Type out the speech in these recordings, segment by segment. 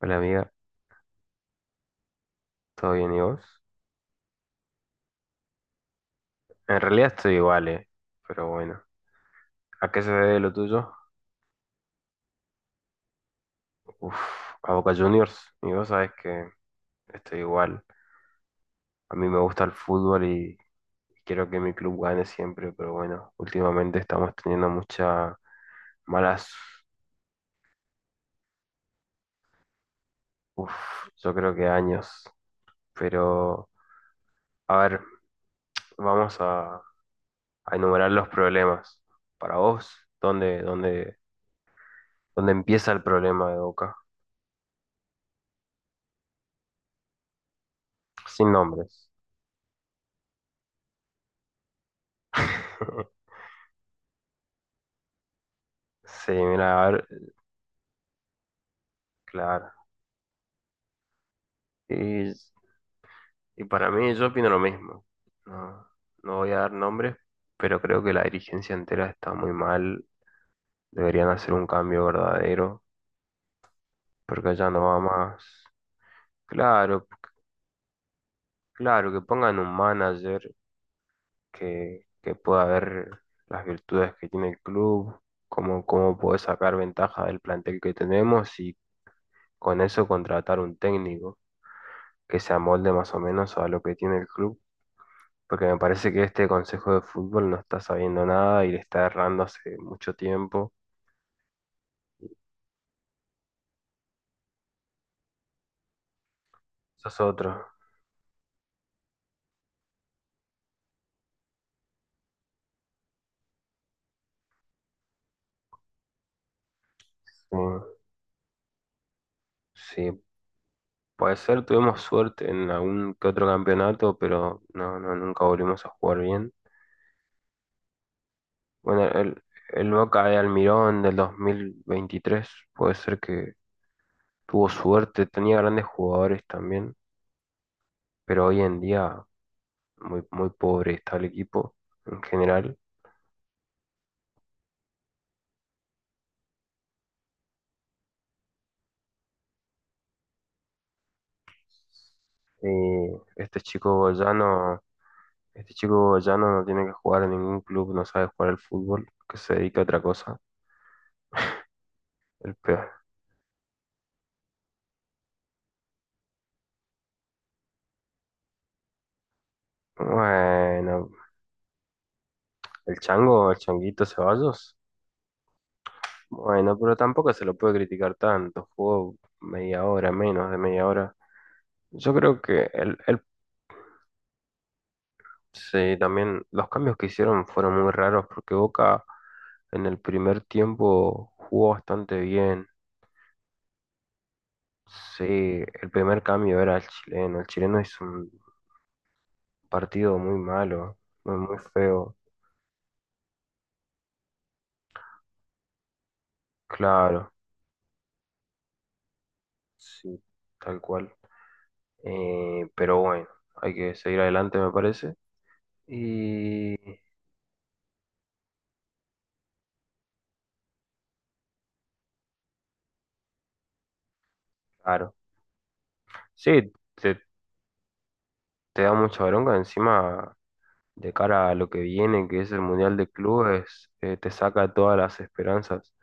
Hola amiga, ¿todo bien y vos? En realidad estoy igual, pero bueno. ¿A qué se debe lo tuyo? Uf, a Boca Juniors. Y vos sabés que estoy igual. A mí me gusta el fútbol y quiero que mi club gane siempre, pero bueno, últimamente estamos teniendo muchas malas, uf, yo creo que años. Pero, a ver, vamos a, a enumerar los problemas. Para vos, ¿dónde, dónde, dónde empieza el problema de Boca? Sin nombres. Sí, mira, a ver, claro. Y, y para mí yo opino lo mismo. No, no voy a dar nombres, pero creo que la dirigencia entera está muy mal. Deberían hacer un cambio verdadero, porque allá no va más. Claro, claro, que pongan un manager que pueda ver las virtudes que tiene el club, cómo puede sacar ventaja del plantel que tenemos y con eso contratar un técnico que se amolde más o menos a lo que tiene el club porque me parece que este consejo de fútbol no está sabiendo nada y le está errando hace mucho tiempo. Sos otro. Sí, sí, puede ser, tuvimos suerte en algún que otro campeonato, pero no, no, nunca volvimos a jugar bien. Bueno, el Boca de Almirón del 2023 puede ser que tuvo suerte, tenía grandes jugadores también, pero hoy en día muy, muy pobre está el equipo en general. Eh, este chico Goyano. Este chico Bayano no tiene que jugar en ningún club, no sabe jugar al fútbol, que se dedica a otra cosa. El peor. Bueno, el chango, el changuito Ceballos. Bueno, pero tampoco se lo puede criticar tanto. Jugó media hora, menos de media hora. Yo creo que sí, también los cambios que hicieron fueron muy raros porque Boca en el primer tiempo jugó bastante bien. Sí, el primer cambio era el chileno. El chileno hizo un partido muy malo, muy, muy feo. Claro, sí, tal cual. Pero bueno, hay que seguir adelante, me parece. Y claro, sí, te da mucha bronca encima de cara a lo que viene, que es el Mundial de Clubes, te saca todas las esperanzas.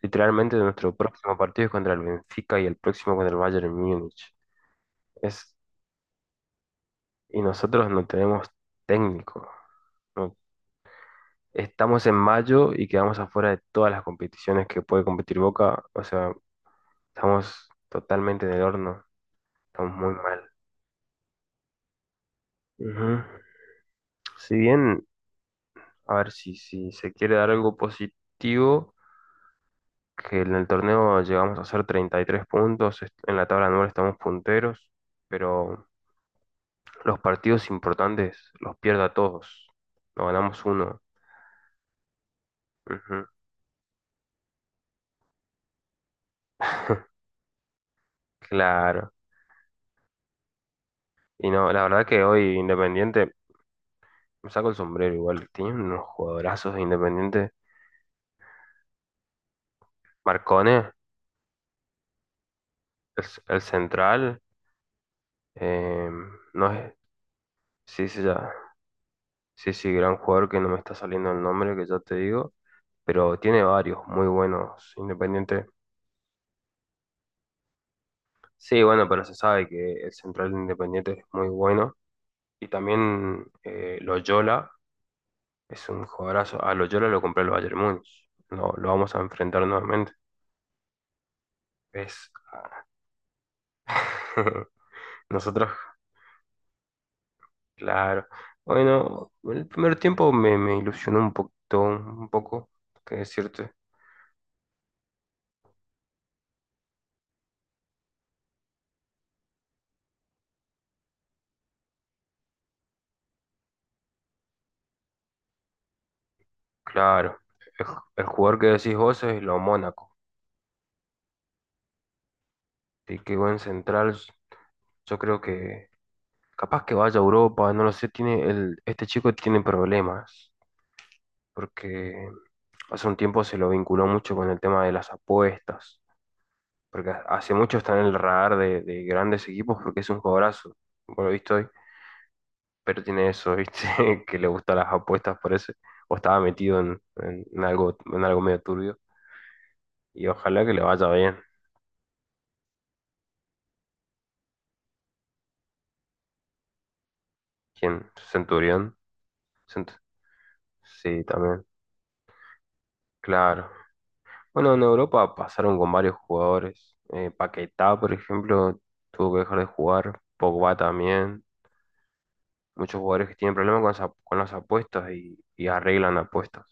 Literalmente nuestro próximo partido es contra el Benfica y el próximo contra el Bayern Múnich. Es, y nosotros no tenemos técnico. No- Estamos en mayo y quedamos afuera de todas las competiciones que puede competir Boca. O sea, estamos totalmente en el horno. Estamos muy mal. Ujú. Si bien, a ver si se quiere dar algo positivo, que en el torneo llegamos a hacer 33 puntos, en la tabla anual estamos punteros, pero los partidos importantes los pierdo a todos. No ganamos uno. Ujú. Claro. Y no, la verdad que hoy Independiente, me saco el sombrero igual, tiene unos jugadorazos de Independiente. Marcone, el central, eh, no es, sí, sí, ya. Sí, sí, gran jugador que no me está saliendo el nombre, que ya te digo, pero tiene varios muy buenos Independiente. Sí, bueno, pero se sabe que el central de Independiente es muy bueno. Y también Loyola es un jugadorazo. A Loyola lo compré el Bayern Múnich. No, lo vamos a enfrentar nuevamente. Es. Nosotros, claro. Bueno, el primer tiempo me ilusionó un poquito, un poco, qué decirte. Claro, el, el jugador que decís vos es lo Mónaco. Sí, qué buen central. Yo creo que capaz que vaya a Europa, no lo sé, tiene el, este chico tiene problemas, porque hace un tiempo se lo vinculó mucho con el tema de las apuestas, porque hace mucho está en el radar de grandes equipos porque es un jugadorazo, por lo visto hoy, pero tiene eso, ¿viste? Que le gustan las apuestas, parece, o estaba metido en algo medio turbio, y ojalá que le vaya bien. ¿Quién? Centurión. Cent- sí, también, claro. Bueno, en Europa pasaron con varios jugadores. Paquetá, por ejemplo, tuvo que dejar de jugar. Pogba también. Muchos jugadores que tienen problemas con, con las apuestas y arreglan apuestas.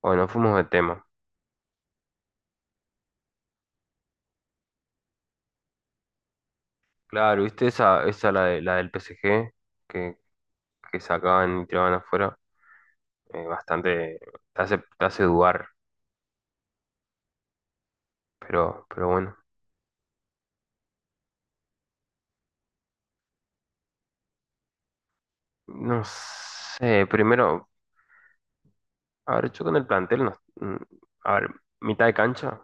Bueno, fuimos de tema. Claro, ¿viste la del PSG que, que sacaban y tiraban afuera? Bastante te hace dudar, pero bueno. No sé, primero, a ver, yo con el plantel, a ver, mitad de cancha,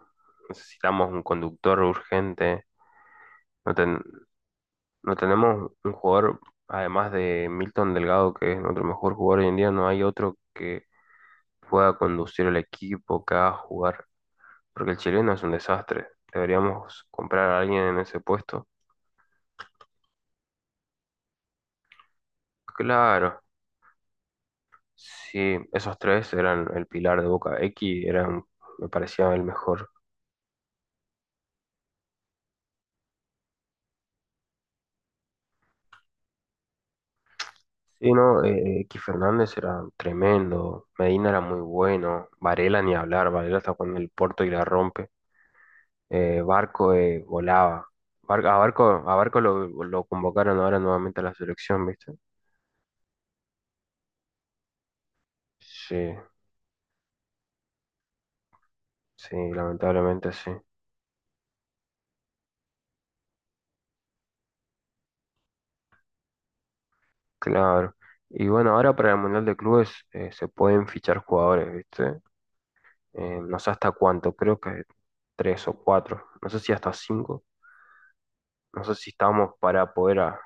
necesitamos un conductor urgente. No, no tenemos un jugador, además de Milton Delgado, que es nuestro mejor jugador hoy en día, no hay otro que pueda conducir el equipo, que haga jugar, porque el chileno es un desastre. Deberíamos comprar a alguien en ese puesto. Claro, sí, esos tres eran el pilar de Boca. X era, me parecía el mejor. Sí, no, que Fernández era tremendo, Medina era muy bueno, Varela ni hablar, Varela está jugando el Porto y la rompe, Barco volaba, a Barco lo convocaron ahora nuevamente a la selección, ¿viste? Sí, sí, lamentablemente sí, claro. Y bueno, ahora para el Mundial de Clubes se pueden fichar jugadores, ¿viste? No sé hasta cuánto, creo que tres o cuatro, no sé si hasta cinco, no sé si estamos para poder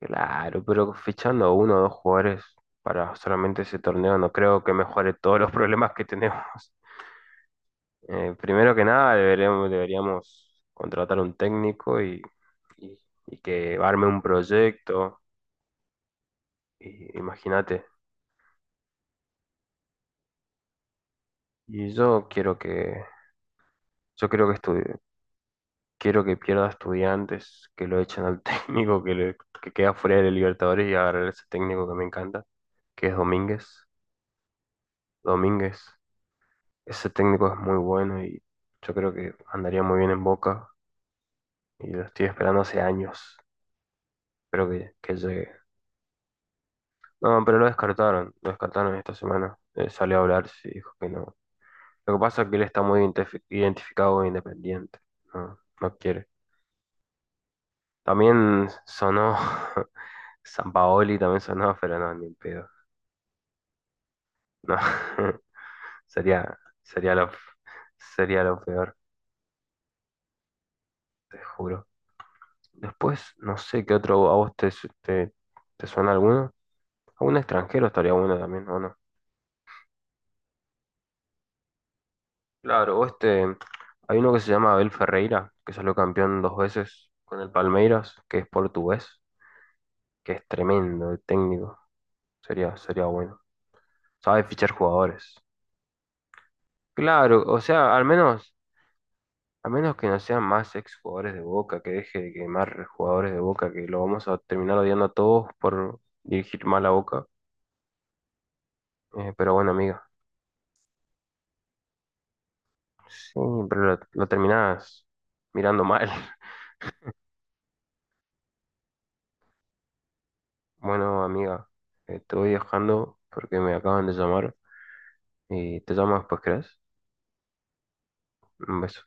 claro, pero fichando uno o dos jugadores para solamente ese torneo no creo que mejore todos los problemas que tenemos. Primero que nada, deberíamos contratar un técnico y- y que arme un proyecto. Y, imagínate. Y yo quiero que, yo quiero que estudie- quiero que pierda estudiantes, que lo echen al técnico, que queda fuera de Libertadores y agarrar a ese técnico que me encanta, que es Domínguez. Domínguez. Ese técnico es muy bueno y yo creo que andaría muy bien en Boca y lo estoy esperando hace años. Espero que llegue. No, pero lo descartaron esta semana. Salió a hablar y dijo que no. Lo que pasa es que él está muy identificado e independiente. No, no quiere. También sonó. Sampaoli, también sonó, pero no, ni en pedo. No, sería, sería lo, sería lo peor, te juro. Después, no sé qué otro, ¿a vos te, su- te, ¿te suena alguno? A un extranjero estaría bueno también, ¿o no? Claro, o este, hay uno que se llama Abel Ferreira, que salió campeón dos veces con el Palmeiras, que es portugués, que es tremendo de técnico. Sería bueno. Sabe fichar jugadores. Claro, o sea, al menos que no sean más ex jugadores de Boca, que deje de quemar jugadores de Boca, que lo vamos a terminar odiando a todos por dirigir mal a Boca. Pero bueno, amiga, sí, pero lo terminás mirando mal. Bueno, amiga, estoy dejando porque me acaban de llamar y te llamo después, ¿crees? Un beso.